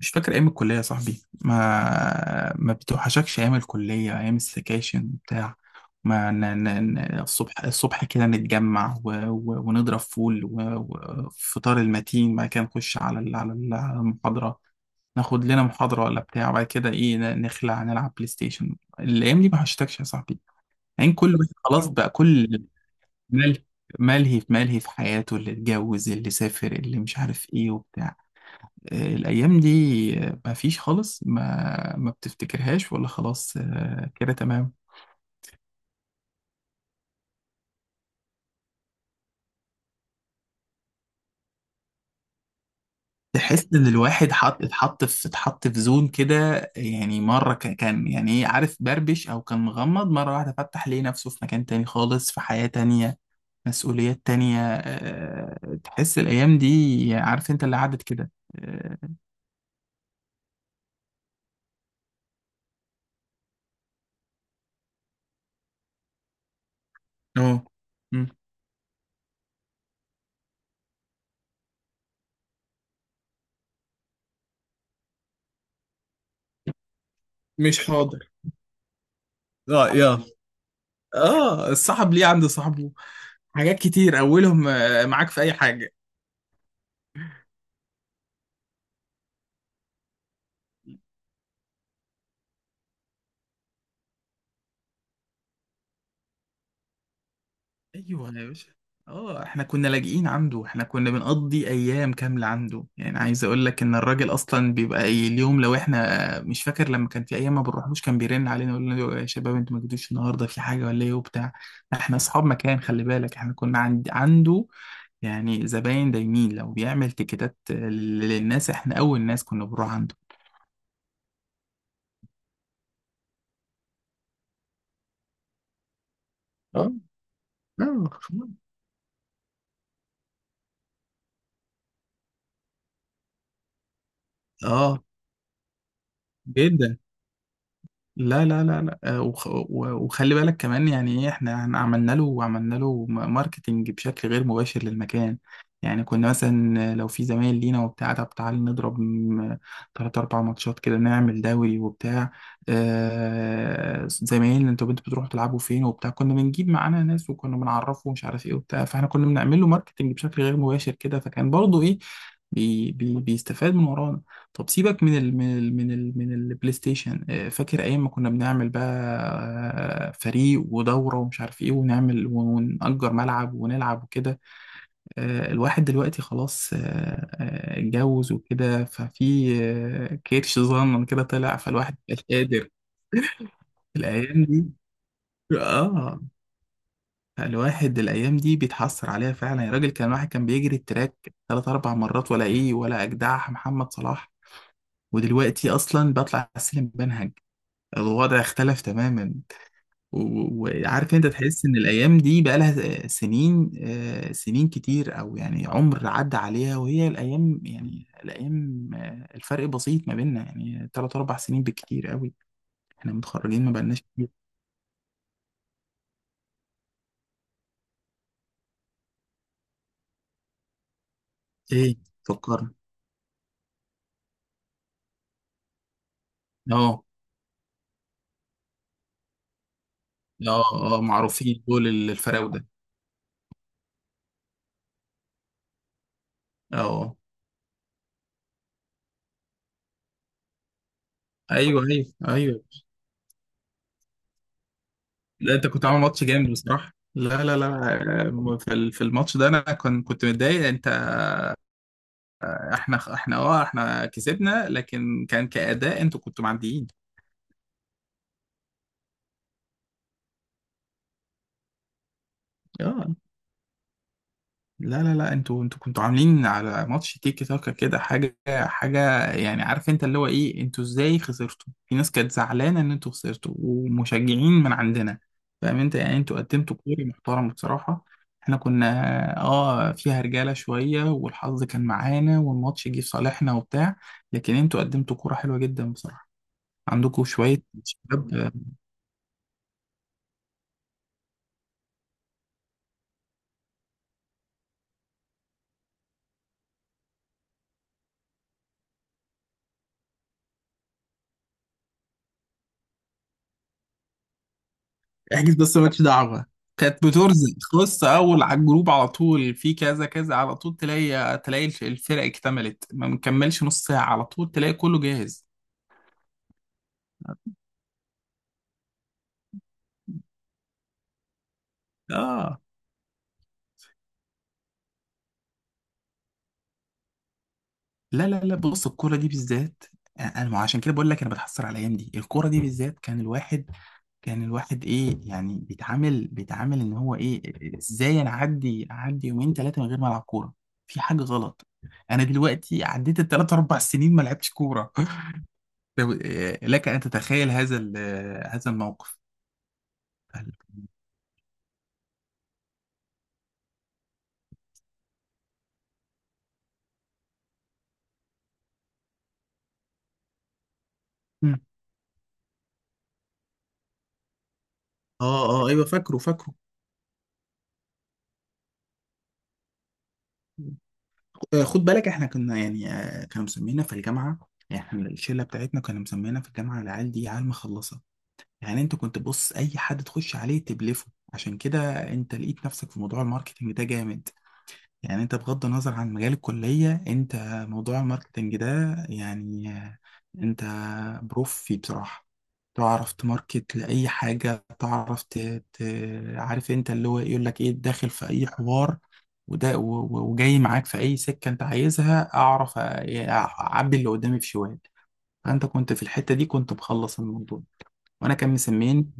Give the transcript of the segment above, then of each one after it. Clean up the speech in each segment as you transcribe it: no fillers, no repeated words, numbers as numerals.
مش فاكر ايام الكليه يا صاحبي، ما بتوحشكش ايام الكليه، ايام السكاشن بتاع. ما ن... ن... ن... الصبح كده نتجمع ونضرب فول وفطار المتين، بعد كده نخش على المحاضره. ناخد لنا محاضره ولا بتاع، بعد كده ايه نخلع نلعب بلاي ستيشن. الايام دي ما وحشتكش يا صاحبي؟ يعني كل واحد خلاص بقى كل ملهي ملهي في حياته، اللي اتجوز، اللي سافر، اللي مش عارف ايه وبتاع. الأيام دي، ما فيش خالص. ما بتفتكرهاش ولا خلاص. آه، كده تمام. تحس إن الواحد حط اتحط في زون كده. يعني مرة كان يعني إيه، عارف، بربش أو كان مغمض، مرة واحدة فتح ليه نفسه في مكان تاني خالص، في حياة تانية، مسؤوليات تانية. تحس الأيام دي، عارف أنت اللي عدت كده. آه. أه. مم. اه يا اه، الصاحب ليه عند صاحبه حاجات كتير، اولهم معاك في اي حاجه. ايوه يا باشا. اه، احنا كنا لاجئين عنده، احنا كنا بنقضي ايام كامله عنده. يعني عايز اقول لك ان الراجل اصلا بيبقى أي اليوم، لو احنا مش فاكر لما كان في ايام ما بنروحلوش كان بيرن علينا يقول لنا يا شباب انتوا ما جيتوش النهارده، في حاجه ولا ايه وبتاع. احنا اصحاب مكان خلي بالك، احنا كنا عند عنده، يعني زباين دايمين. لو بيعمل تيكيتات للناس احنا اول ناس كنا بنروح عنده. اه، اه، اه، جدا. لا، لا، لا، لا، وخلي بالك كمان يعني ايه. احنا عملنا له وعملنا له ماركتينج بشكل غير مباشر للمكان. يعني كنا مثلا لو في زمايل لينا وبتاع، طب تعالى نضرب تلات أربع ماتشات كده، نعمل دوري وبتاع. آه زمايلنا، انتوا بنتوا بتروحوا تلعبوا فين وبتاع، كنا بنجيب معانا ناس وكنا بنعرفه ومش عارف ايه وبتاع. فاحنا كنا بنعمل له ماركتينج بشكل غير مباشر كده، فكان برضه ايه، بي بي بيستفاد من ورانا. طب سيبك من البلاي ستيشن. فاكر ايام ما كنا بنعمل بقى فريق ودورة ومش عارف ايه، ونعمل ونأجر ملعب ونلعب وكده. الواحد دلوقتي خلاص، اتجوز وكده، ففي كرش صغنن كده طلع، فالواحد مش قادر الايام دي. اه، الواحد الايام دي بيتحسر عليها فعلا يا راجل. كان واحد كان بيجري التراك ثلاث اربع مرات، ولا ايه، ولا اجدع محمد صلاح. ودلوقتي اصلا بطلع السلم بنهج. الوضع اختلف تماما. وعارف انت، تحس ان الايام دي بقى لها سنين، سنين كتير، او يعني عمر عدى عليها، وهي الايام يعني الايام، الفرق بسيط ما بيننا، يعني تلات اربع سنين بالكتير قوي. احنا متخرجين ما بقالناش كتير. ايه، فكرنا. اه، اه، اه، معروفين دول الفراوده. اه. ايوه، ايوه، ايوه. لا انت كنت عامل ماتش جامد بصراحه، لا، لا، لا. في الماتش ده انا كنت كنت متضايق انت. احنا كسبنا، لكن كان كأداء انتوا كنتوا معديين. اه. لا، لا، لا، انتوا كنتوا عاملين على ماتش تيكي تاكا كده، حاجة حاجة يعني. عارف انت اللي هو ايه، انتوا ازاي خسرتوا؟ في ناس كانت زعلانة ان انتوا خسرتوا، ومشجعين من عندنا. فاهم انت، يعني انتوا قدمتوا كوري محترم بصراحة. احنا كنا اه، فيها رجالة شوية والحظ كان معانا والماتش جه في صالحنا وبتاع. لكن انتوا قدمتوا كورة حلوة جدا بصراحة. عندكم شوية شباب. احجز بس، مالكش دعوة. كانت بترزق، تخص اول على الجروب على طول، في كذا كذا، على طول تلاقي تلاقي الفرق اكتملت. ما مكملش نص ساعة على طول تلاقي كله جاهز. اه. لا، لا، لا، بص الكورة دي بالذات، انا ما عشان كده بقول لك انا بتحسر على الايام دي. الكورة دي بالذات، كان الواحد، كان الواحد ايه يعني، بيتعامل بيتعامل ان هو ايه، ازاي انا اعدي يومين ثلاثة من غير ما العب كورة؟ في حاجة غلط. انا دلوقتي عديت الثلاث اربع سنين ما لعبتش كورة. لك أن تتخيل هذا ال- آه، هذا الموقف. فهل- مم. اه، اه، ايوه، فاكره فاكره. خد بالك احنا كنا يعني، كانوا مسمينا في الجامعه، يعني احنا الشله بتاعتنا كانوا مسمينا في الجامعه العيال دي عيال مخلصه. يعني انت كنت بص، اي حد تخش عليه تبلفه. عشان كده انت لقيت نفسك في موضوع الماركتينج ده جامد. يعني انت بغض النظر عن مجال الكلية، انت موضوع الماركتنج ده، يعني انت بروف فيه بصراحة. تعرف تماركت لأي حاجة، تعرف ت... عارف انت اللي هو يقول لك ايه، داخل في أي حوار، وده وجاي معاك في أي سكة انت عايزها. أعرف أعبي اللي قدامي في شوال. فأنت كنت في الحتة دي كنت مخلص الموضوع. وأنا كان مسميني،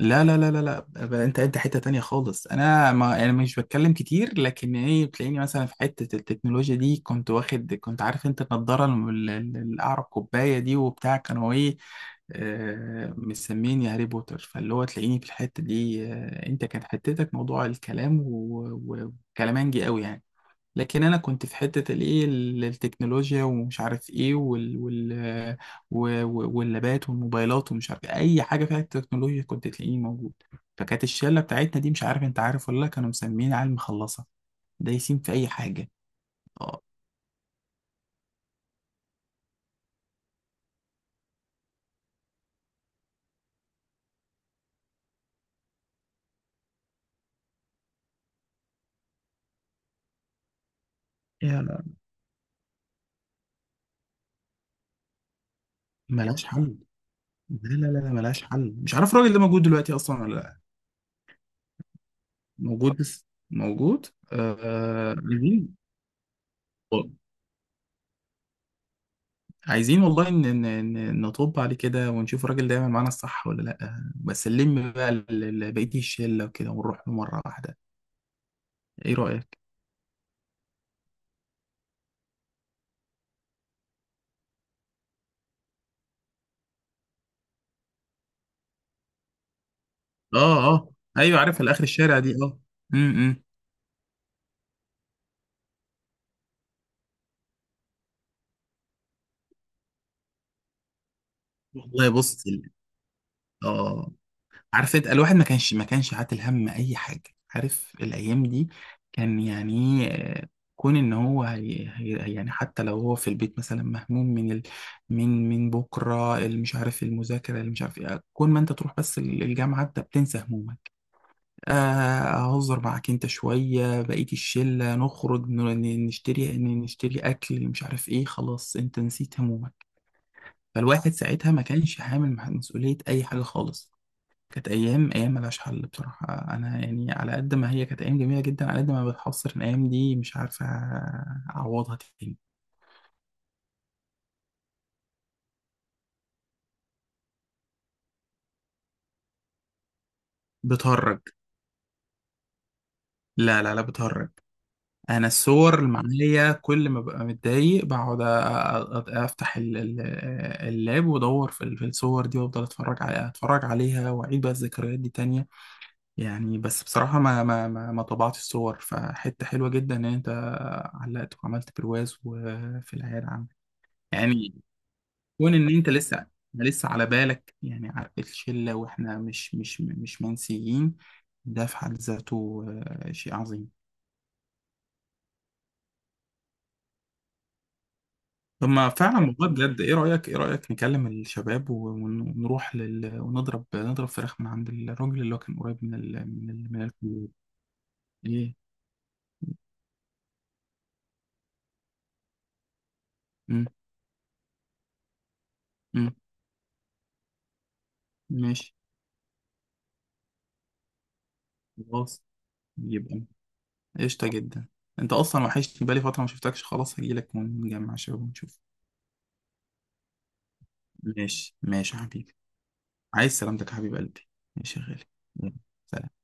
لا، لا، لا، لا، لا، انت انت حته تانية خالص، انا ما يعني مش بتكلم كتير، لكن ايه بتلاقيني مثلا في حته التكنولوجيا دي، كنت واخد كنت عارف انت، النضاره الاعرق كوبايه دي وبتاع، كانوا ايه، مسميني هاري بوتر. فاللي هو تلاقيني في الحته دي، انت كانت حتتك موضوع الكلام، وكلامانجي قوي يعني. لكن انا كنت في حته الايه التكنولوجيا ومش عارف ايه، وال وال واللابات والموبايلات ومش عارف إيه. اي حاجه فيها التكنولوجيا كنت تلاقيني موجود. فكانت الشله بتاعتنا دي، مش عارف انت عارف ولا لا، كانوا مسميين عيال مخلصه، دايسين في اي حاجه. اه يا ملهاش حل. لا، لا، لا، لا، ملهاش حل. مش عارف الراجل ده موجود دلوقتي اصلا ولا لا. موجود بس، موجود. آه. عايزين، عايزين والله إن نطب عليه كده، ونشوف الراجل ده يعمل معانا الصح ولا لأ، بس نلم بقى بقية الشلة وكده، ونروح له مرة واحدة. إيه رأيك؟ آه. آه أيوه، عارف الآخر، الشارع دي آه. امم. والله بص آه عارف انت، الواحد ما كانش عاتل هم اي حاجه. عارف الايام دي كان يعني ايه، آه، كون ان هو هي يعني حتى لو هو في البيت مثلا مهموم من ال من من بكره، اللي مش عارف المذاكره، اللي مش عارف ايه. كون ما انت تروح بس الجامعه، انت بتنسى همومك. آه، اهزر معاك انت شويه بقيه الشله، نخرج نشتري نشتري اكل، مش عارف ايه، خلاص انت نسيت همومك. فالواحد ساعتها ما كانش حامل مسؤوليه اي حاجه خالص. كانت ايام، ايام ملهاش حل بصراحه. انا يعني على قد ما هي كانت ايام جميله جدا، على قد ما بتحصر الايام دي، مش عارفه اعوضها تاني. بتهرج؟ لا، لا، لا، بتهرج. انا الصور اللي معايا، كل ما ببقى متضايق بقعد افتح اللاب وادور في الصور دي، وافضل اتفرج عليها اتفرج عليها، واعيد بقى الذكريات دي تانية. يعني بس بصراحه، ما طبعتش الصور. فحته حلوه جدا ان انت علقت وعملت برواز وفي العيال عم. يعني كون ان انت لسه، لسه على بالك يعني على الشله، واحنا مش منسيين، ده في حد ذاته شيء عظيم. طب ما فعلا والله بجد، ايه رايك، ايه رايك نكلم الشباب ونروح لل... ونضرب نضرب فراخ من عند الراجل اللي هو كان قريب من الكليه. ايه. امم. امم. ماشي. خلاص. يبقى قشطه جدا. انت اصلا وحشتني بقالي فتره ما شفتكش، خلاص هجيلك ونجمع شباب ونشوف. ماشي، ماشي يا حبيبي. عايز سلامتك يا حبيب قلبي. ماشي يا غالي. يلا، سلام.